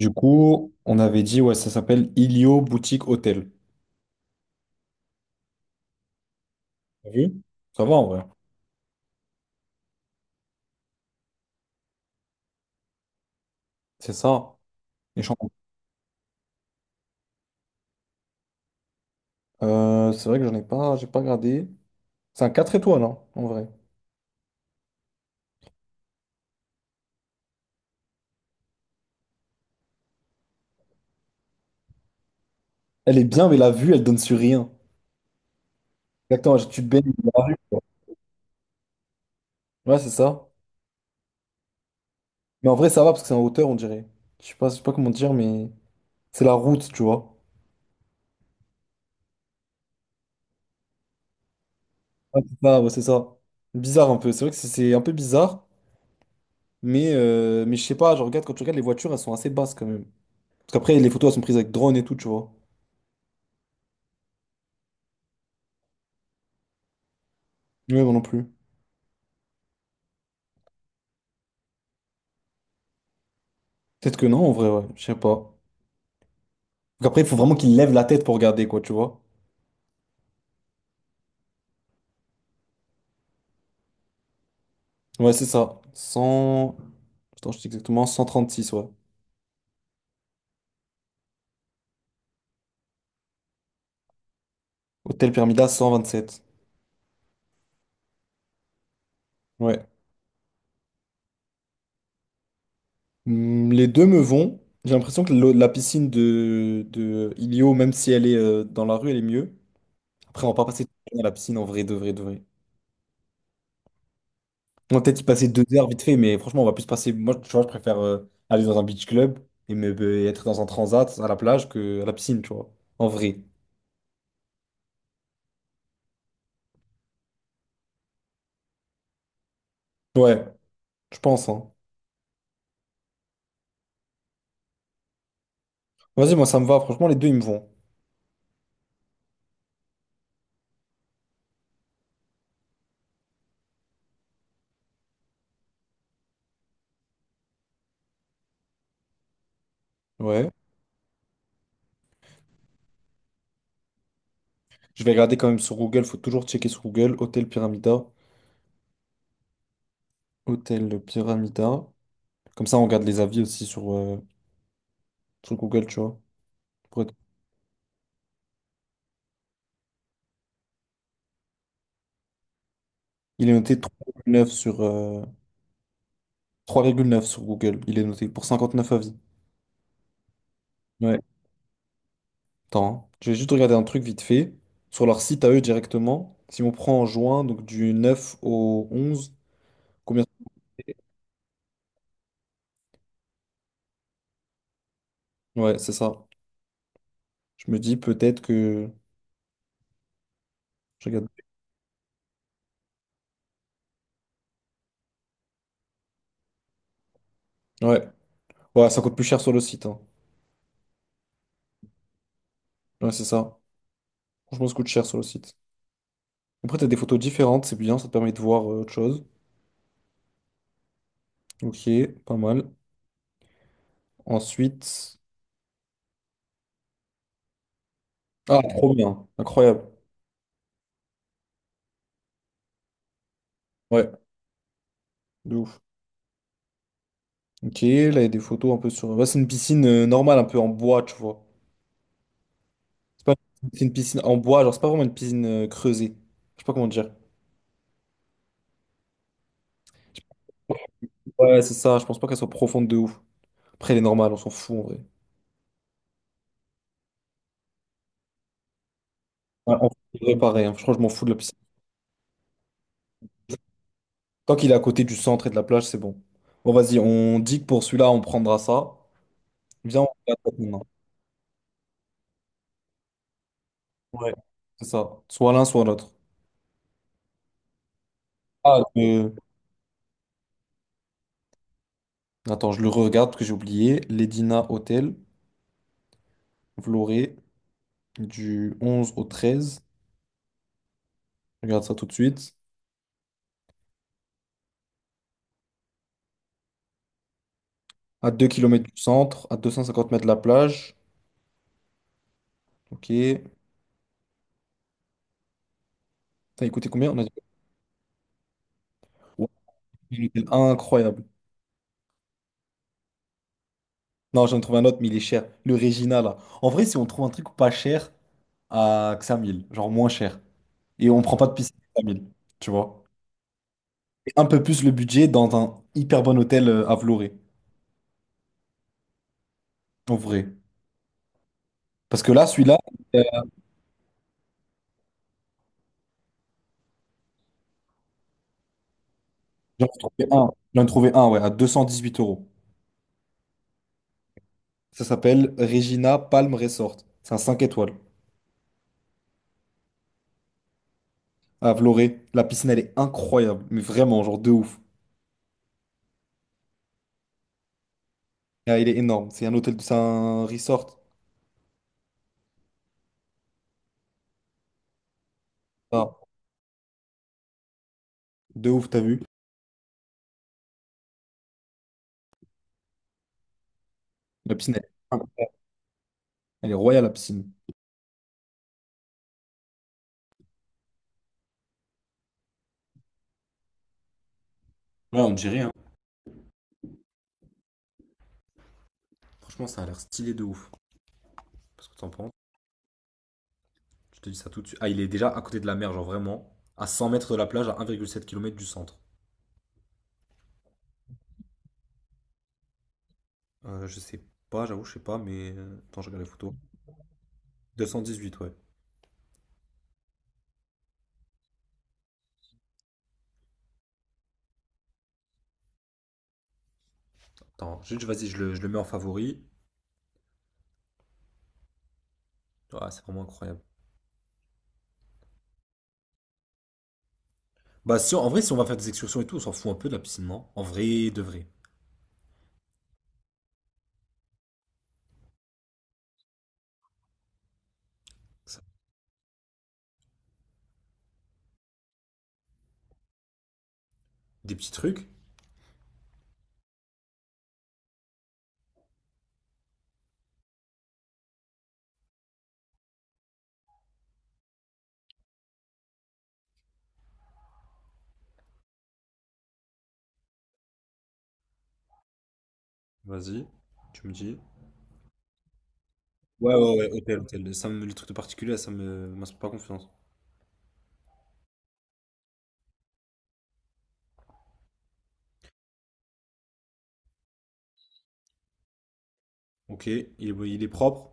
Du coup, on avait dit, ouais, ça s'appelle Ilio Boutique Hôtel. T'as vu? Ça va en vrai. C'est ça. Les chambres. C'est vrai que j'en ai pas, j'ai pas regardé. C'est un 4 étoiles, hein, en vrai. Elle est bien, mais la vue, elle donne sur rien. Exactement, tu te baignes dans la rue. Ouais, c'est ça. Mais en vrai, ça va parce que c'est en hauteur, on dirait. Je sais pas comment dire, mais c'est la route, tu vois. Ouais, c'est ça, ouais, c'est ça. Bizarre un peu. C'est vrai que c'est un peu bizarre, mais je sais pas, je regarde quand tu regardes les voitures, elles sont assez basses quand même. Parce qu'après, les photos, elles sont prises avec drone et tout, tu vois. Ouais, moi non plus. Peut-être que non, en vrai, ouais, je sais pas. Donc après, il faut vraiment qu'il lève la tête pour regarder, quoi, tu vois. Ouais, c'est ça. 100. Attends, je dis exactement 136, ouais. Hôtel Permida, 127. Ouais. Hmm, les deux me vont. J'ai l'impression que la piscine de Ilio, même si elle est dans la rue, elle est mieux. Après, on va pas passer toute la journée à la piscine en vrai, de vrai, de vrai. On va peut-être y passer 2 heures vite fait, mais franchement, on va plus passer. Moi, tu vois, je préfère aller dans un beach club et être dans un transat à la plage que à la piscine, tu vois. En vrai. Ouais, je pense, hein. Vas-y, moi ça me va. Franchement, les deux ils me vont. Ouais. Je vais regarder quand même sur Google. Faut toujours checker sur Google. Hôtel Pyramida. Hôtel Pyramida. Comme ça, on regarde les avis aussi sur Google, tu vois. Pour être- Il est noté 3,9 sur Google. Il est noté pour 59 avis. Ouais. Attends, hein. Je vais juste regarder un truc vite fait. Sur leur site à eux directement. Si on prend en juin, donc du 9 au 11 combien? Ça fait? Ouais, c'est ça. Je me dis peut-être que. Je regarde. Ouais. Ouais, ça coûte plus cher sur le site, hein. Ouais, c'est ça. Franchement, ça coûte cher sur le site. Après, t'as des photos différentes, c'est bien, ça te permet de voir autre chose. Ok, pas mal. Ensuite. Ah, trop bien. Incroyable. Ouais, de ouf. Ok, là, il y a des photos un peu sur. Là, c'est une piscine normale, un peu en bois, tu vois. C'est pas. C'est une piscine en bois, genre, c'est pas vraiment une piscine creusée. Je sais pas comment dire. Ouais, c'est ça, je pense pas qu'elle soit profonde de ouf. Après, elle est normale, on s'en fout en vrai. Ouais, on devrait pareil, hein. Je crois que je m'en fous de la piscine. Tant qu'il est à côté du centre et de la plage, c'est bon. Bon, vas-y, on dit que pour celui-là, on prendra ça. Viens, on regarde ça maintenant. Ouais. C'est ça. Soit l'un, soit l'autre. Ah, le- Attends, je le regarde parce que j'ai oublié. Ledina Hotel, Vloré, du 11 au 13. Je regarde ça tout de suite. À 2 kilomètres du centre, à 250 mètres de la plage. Ok. T'as écouté combien? On a dit. Ouais, un hôtel incroyable. Non, j'en ai trouvé un autre, mais il est cher. Le Regina, là. En vrai, si on trouve un truc pas cher à que 5000, genre moins cher, et on prend pas de piscine à 5000, tu vois. Un peu plus le budget dans un hyper bon hôtel à Vloré, en vrai. Parce que là, celui-là, euh, j'en ai trouvé un. J'en ai trouvé un, ouais, à 218 euros. Ça s'appelle Regina Palm Resort. C'est un 5 étoiles à Vloré. La piscine, elle est incroyable, mais vraiment, genre de ouf. Ah, il est énorme. C'est un hôtel, c'est un resort. Ah, de ouf, t'as vu? La piscine, elle est, incroyable. Elle est royale, la piscine. Ouais, on dirait, hein. Franchement, ça a l'air stylé de ouf. Parce que t'en penses? Je te dis ça tout de suite. Ah, il est déjà à côté de la mer, genre vraiment. À 100 mètres de la plage, à 1,7 km du centre. Je sais pas, j'avoue, je sais pas, Attends, je regarde les photos. 218, ouais. Attends, juste, vas-y, je le mets en favori. Ah, c'est vraiment incroyable. Bah, si, en vrai, si on va faire des excursions et tout, on s'en fout un peu de la piscine, non? En vrai, de vrai. Ça- Des petits trucs. Vas-y, tu me dis. Ouais, ouais, ouais, hôtel, hôtel. Les trucs de particulier, ça me m'inspire pas confiance. Ok, il est propre,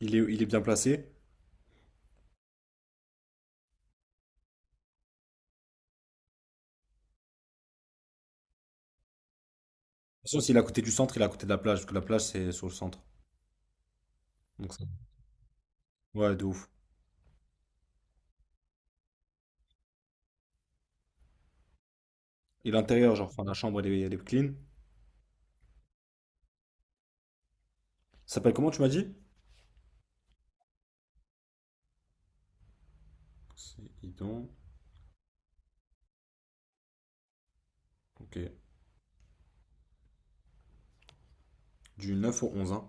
il est bien placé. De toute façon, s'il est à côté du centre, il est à côté de la plage, parce que la plage, c'est sur le centre. Donc, ça- ouais, de ouf. Et l'intérieur, genre, enfin, la chambre, elle est clean. Ça s'appelle comment, tu m'as dit? Poséidon. Ok. Du 9 au 11, hein.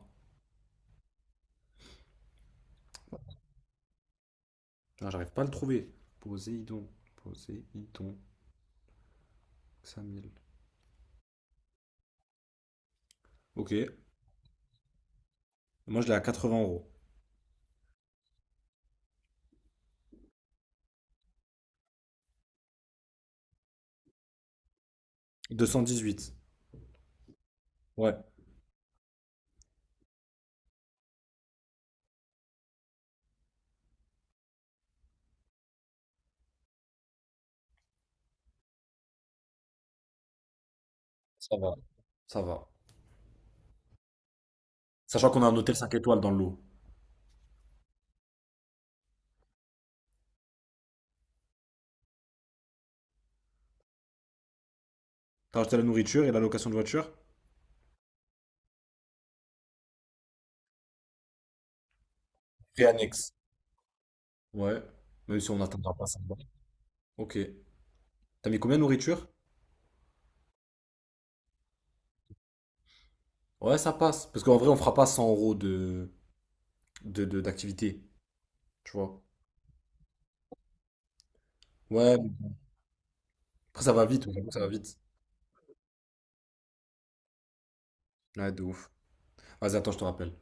Ah, j'arrive pas à le trouver. Poséidon. Poséidon. Samuel. Ok. Moi, je l'ai à 80 euros. 218. Ouais, ça va. Ça va. Sachant qu'on a un hôtel cinq étoiles dans le lot. T'as rajouté la nourriture et la location de voiture? Prix annexe. Ouais. Même si on n'atteindra pas ça. Ok. T'as mis combien de nourriture? Ouais, ça passe. Parce qu'en vrai, on fera pas 100 € d'activité. Tu vois? Ouais. Après, ça va vite. J'avoue que ça va vite. Ouais, de ouf. Vas-y, attends, je te rappelle.